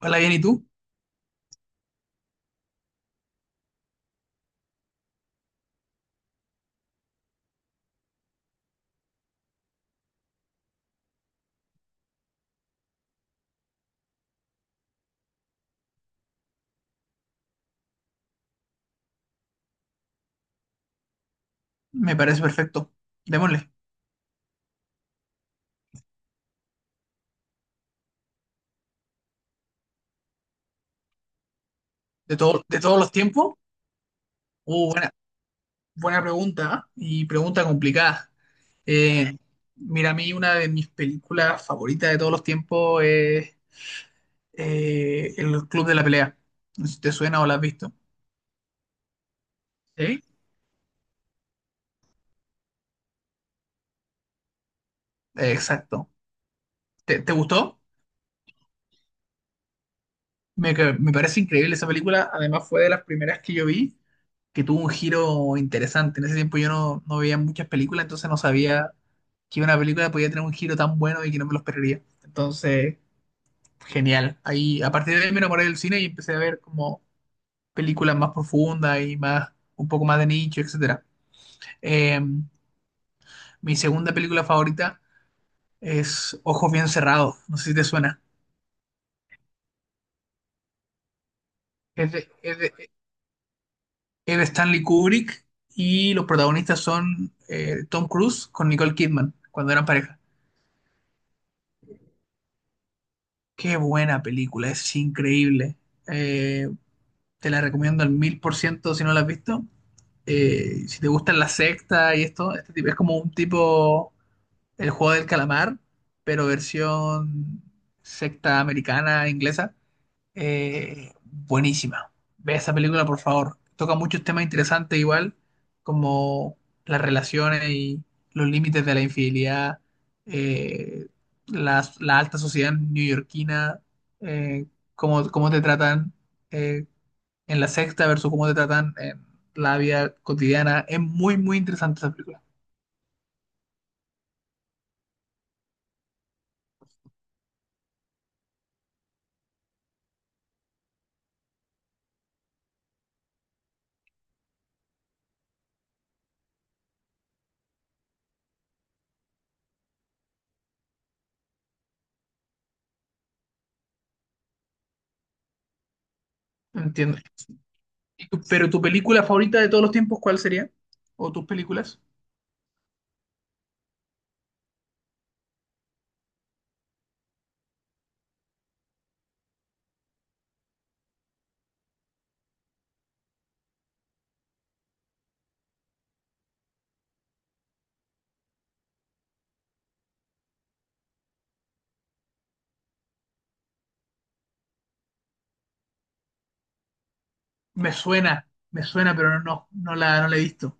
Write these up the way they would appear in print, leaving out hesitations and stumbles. Hola, bien, ¿y tú? Me parece perfecto. Démosle. De todo, de todos los tiempos. Uh, buena, buena pregunta, ¿eh? Y pregunta complicada. Eh, Mira, a mí una de mis películas favoritas de todos los tiempos es El Club de la Pelea. No sé si te suena o la has visto. Sí. Exacto. ¿Te gustó? Me parece increíble esa película. Además, fue de las primeras que yo vi que tuvo un giro interesante. En ese tiempo yo no veía muchas películas, entonces no sabía que una película podía tener un giro tan bueno y que no me lo esperaría. Entonces, genial. A partir de ahí me enamoré del cine y empecé a ver como películas más profundas y más, un poco más de nicho, etcétera. Eh, Mi segunda película favorita es Ojos bien cerrados, no sé si te suena. Es de, es de- es de Stanley Kubrick y los protagonistas son Tom Cruise con Nicole Kidman cuando eran pareja. Qué buena película, es increíble. Eh, Te la recomiendo al mil por ciento si no la has visto. Si te gustan la secta y esto, este tipo es como un tipo el juego del calamar, pero versión secta americana, inglesa. Buenísima. Ve esa película, por favor. Toca muchos temas interesantes igual, como las relaciones y los límites de la infidelidad, eh, alta sociedad neoyorquina, eh, cómo te tratan eh, en la sexta versus cómo te tratan en la vida cotidiana. Es muy, muy interesante esa película. Entiendo. Pero tu película favorita de todos los tiempos, ¿cuál sería? ¿O tus películas? Me suena, me suena, pero no, no la he visto.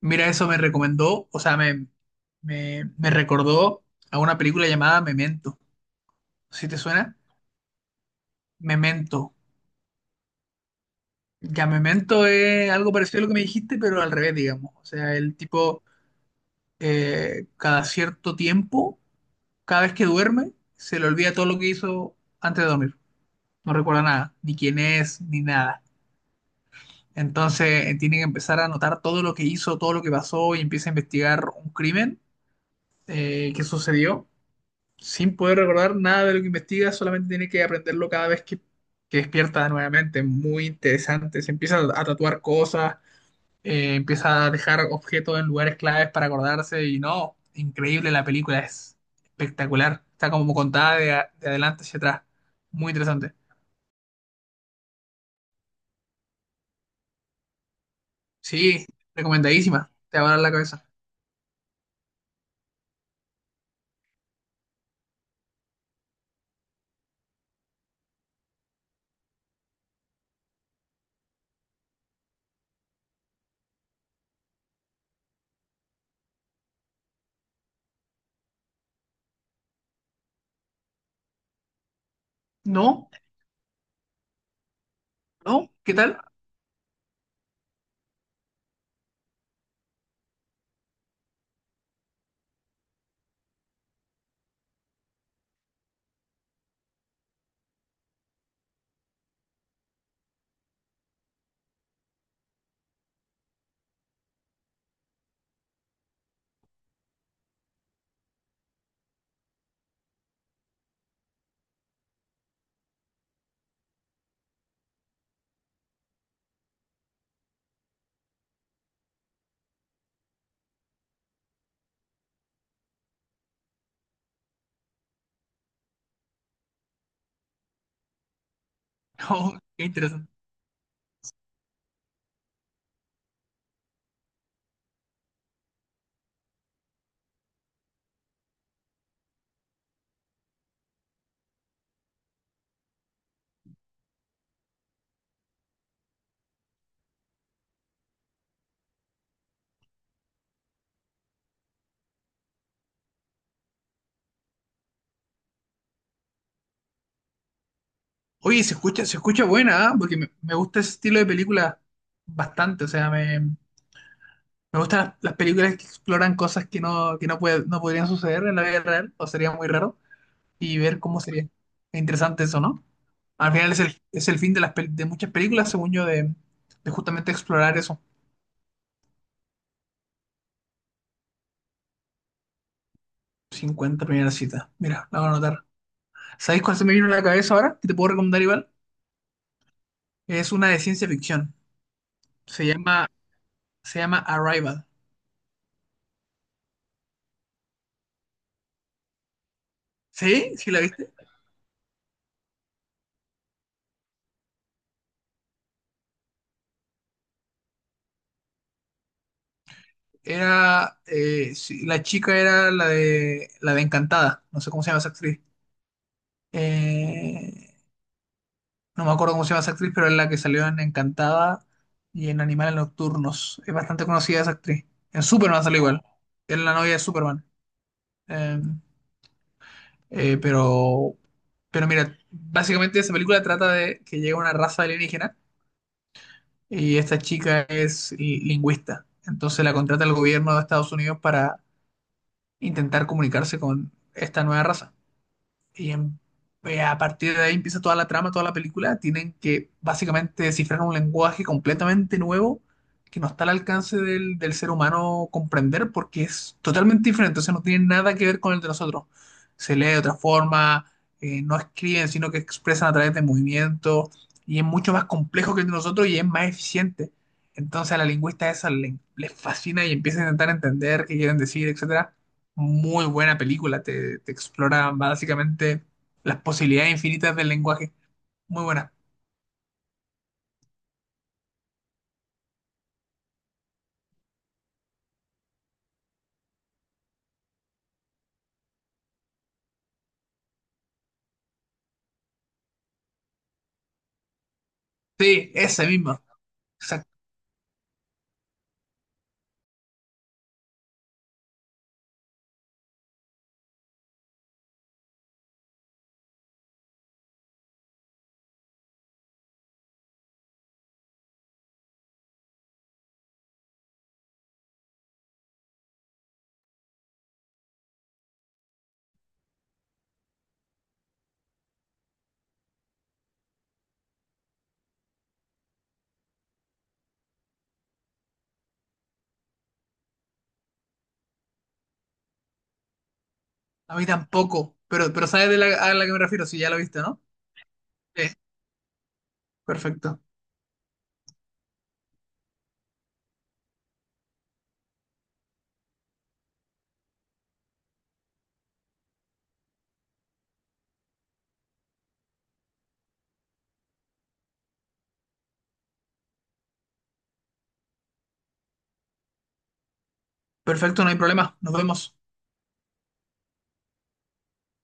Mira, eso me recomendó, o sea, me recordó a una película llamada Memento. ¿Sí te suena? Memento. Ya Memento es algo parecido a lo que me dijiste, pero al revés, digamos. O sea, el tipo cada cierto tiempo, cada vez que duerme, se le olvida todo lo que hizo antes de dormir. No recuerda nada, ni quién es, ni nada. Entonces tiene que empezar a anotar todo lo que hizo, todo lo que pasó y empieza a investigar un crimen que sucedió sin poder recordar nada de lo que investiga, solamente tiene que aprenderlo cada vez que despierta nuevamente. Muy interesante. Se empieza a tatuar cosas, empieza a dejar objetos en lugares claves para acordarse y no, increíble la película, es espectacular. Está como contada de adelante hacia atrás. Muy interesante. Sí, recomendadísima. Te va a dar la cabeza. No, no, ¿qué tal? No, qué interesante. Oye, se escucha buena, ¿ah? Porque me gusta ese estilo de película bastante, o sea, me gustan las películas que exploran cosas que no podrían suceder en la vida real, o sería muy raro, y ver cómo sería. Es interesante eso, ¿no? Al final es el fin de muchas películas, según yo, de justamente explorar eso. Cincuenta primeras citas. Mira, la voy a anotar. ¿Sabéis cuál se me vino a la cabeza ahora? Que te puedo recomendar igual. Es una de ciencia ficción. Se llama, se llama Arrival. ¿Sí? ¿Sí la viste? Era, sí, la chica era la de Encantada. No sé cómo se llama esa actriz. Eh, No me acuerdo cómo se llama esa actriz, pero es la que salió en Encantada y en Animales Nocturnos. Es bastante conocida esa actriz. En Superman sale igual. Es la novia de Superman. Eh, eh, pero, pero mira, básicamente esa película trata de que llega una raza alienígena y esta chica es lingüista. Entonces la contrata el gobierno de Estados Unidos para intentar comunicarse con esta nueva raza. Y en- a partir de ahí empieza toda la trama, toda la película. Tienen que básicamente descifrar un lenguaje completamente nuevo que no está al alcance del ser humano comprender porque es totalmente diferente. O sea, no tiene nada que ver con el de nosotros. Se lee de otra forma, no escriben, sino que expresan a través de movimientos y es mucho más complejo que el de nosotros y es más eficiente. Entonces a la lingüista esa le, les fascina y empieza a intentar entender qué quieren decir, etc. Muy buena película, te explora básicamente las posibilidades infinitas del lenguaje. Muy buena. Sí, esa misma. Exacto. A mí tampoco, pero sabes a la que me refiero, si ya la viste, ¿no? Sí, perfecto. Perfecto, no hay problema. Nos vemos.